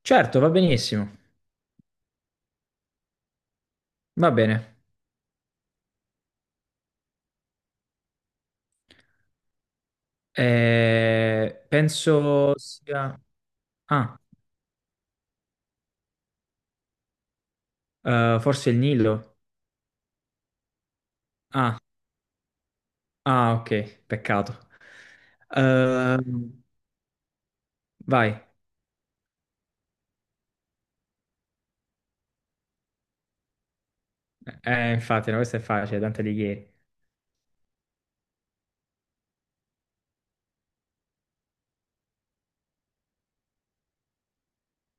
Certo, va benissimo. Va bene. Penso sia. Ah, forse il Nilo. Ah, ah, ok, peccato. Eh, vai. Infatti, no, questa è facile, Dante Alighieri.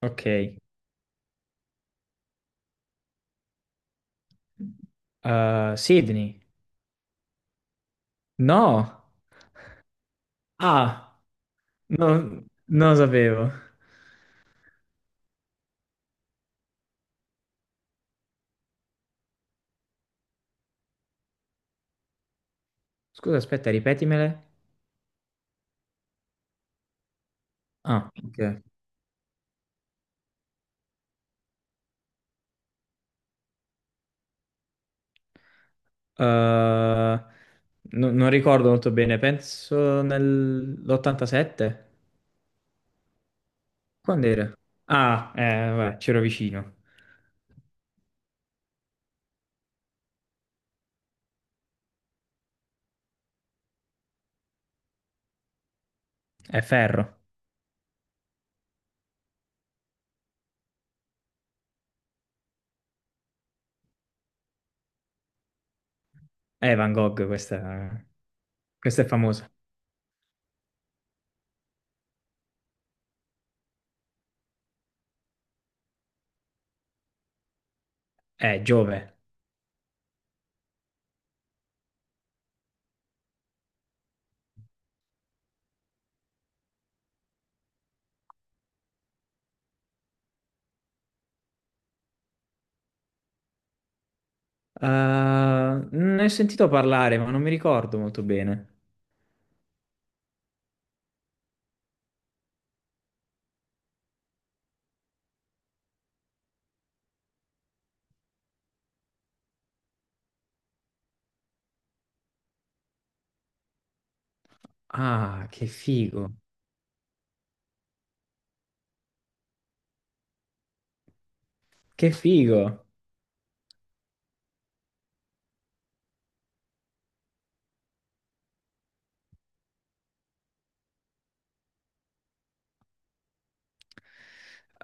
Ok. Sydney. No. Ah, no, non lo sapevo. Scusa, aspetta, ripetimele. Ah, ok. Non ricordo molto bene, penso nell'87. Quando era? Ah, vabbè, c'ero vicino. È ferro. È Van Gogh, questa è famosa. È Giove. Ah, ne ho sentito parlare, ma non mi ricordo molto bene. Ah, che figo. Che figo.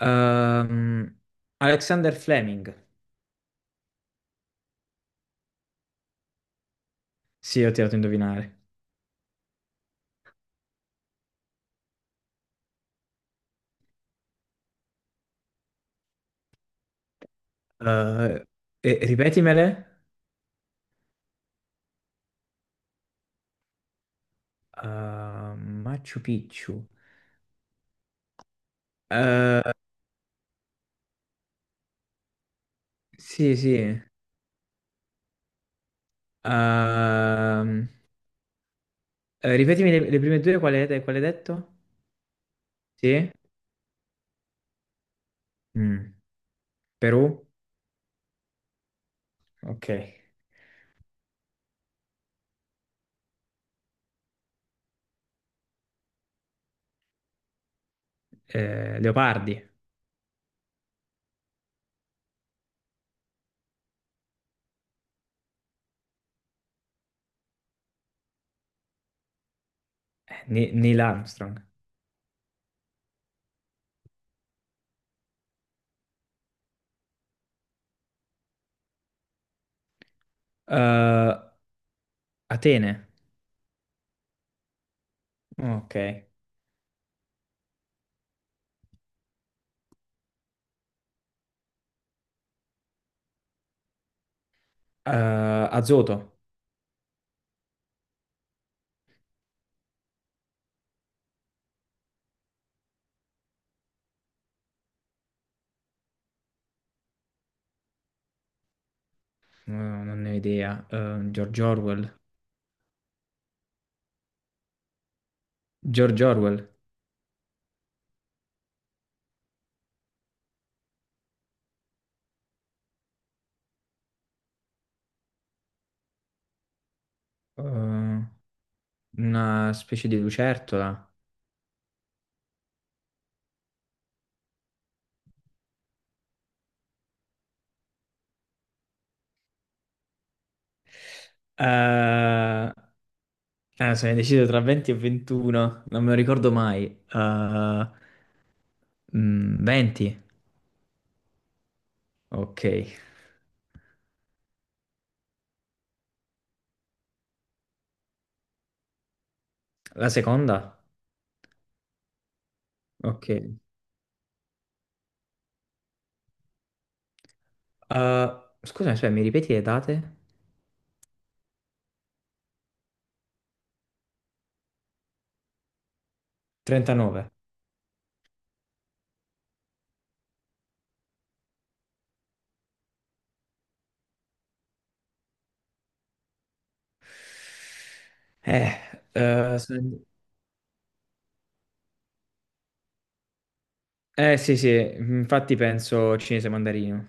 Ehm, Alexander Fleming. Sì, ho tirato a indovinare. Eh, ripetimele. Ah, Machu Picchu. Eh, sì, sì. Ehm, ripetimi le prime due, quale hai detto? Sì? Mm. Perù? Ok. Leopardi? Neil Armstrong. Eh, Atene? Ok. Azoto? No, non ne ho idea. George Orwell? George Orwell? Eh, una specie di lucertola? Eh, eh, sono indeciso tra 20 e 21, non me lo ricordo mai. Eh, 20. Ok. La seconda? Ok. Scusami, aspetta, mi ripeti le date? 39. Eh, eh, sì, sì, infatti penso cinese mandarino.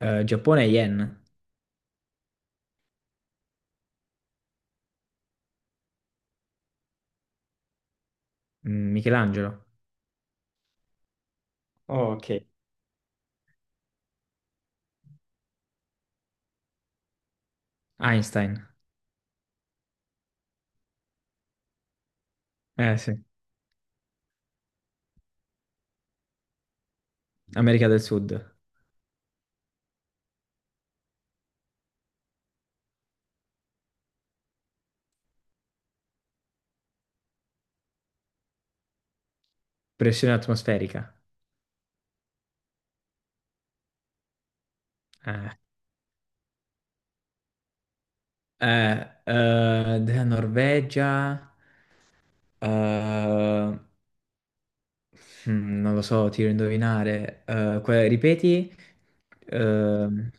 Giappone yen. Michelangelo. Oh, ok. Einstein. Eh sì, America del Sud. Pressione atmosferica. Eh, eh, della Norvegia. eh, non lo so, tiro a indovinare. Ripeti? Ehm,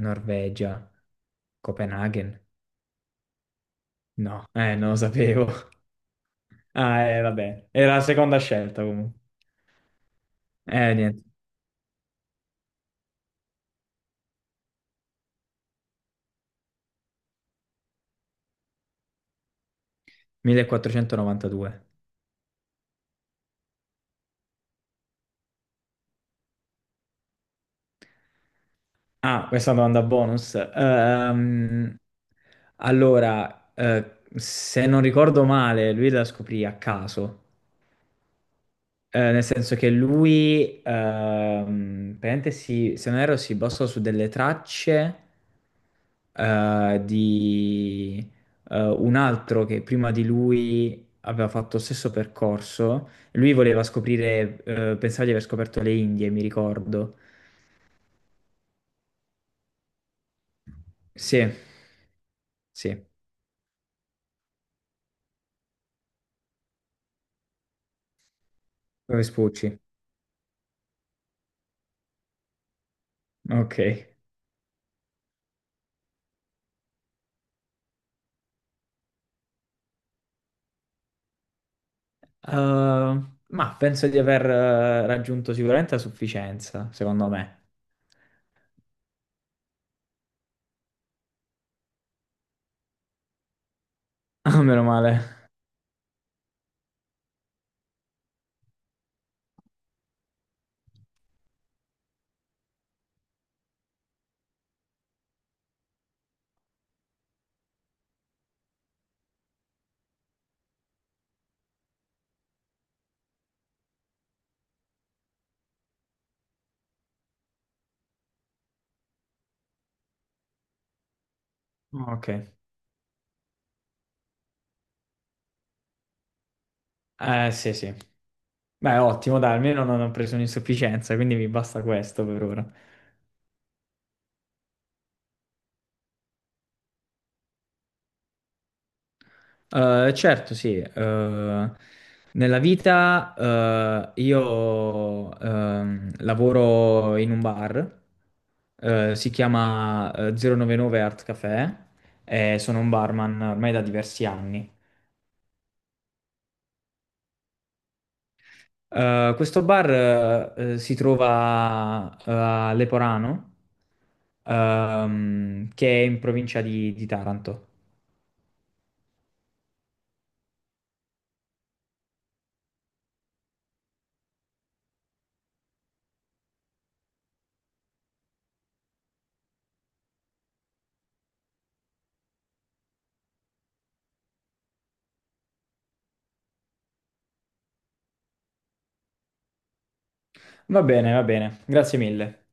Norvegia. Copenaghen? No, non lo sapevo. Ah, vabbè. Era la seconda scelta comunque. Niente. 1492. Ah, questa domanda bonus. Allora, se non ricordo male, lui la scoprì a caso. Nel senso che lui, praticamente si, se non erro, si basò su delle tracce di un altro che prima di lui aveva fatto lo stesso percorso. Lui voleva scoprire, pensava di aver scoperto le Indie, mi ricordo. Sì, sì, come spucci. Ok. Ma penso di aver raggiunto sicuramente la sufficienza, secondo me. Ah, meno male. Ok. Sì, sì. Beh, ottimo, dai, almeno non ho preso un'insufficienza, quindi mi basta questo per ora. Certo, sì. Nella vita, io lavoro in un bar, si chiama 099 Art Café, e sono un barman ormai da diversi anni. Questo bar, si trova a Leporano, che è in provincia di Taranto. Va bene, grazie mille.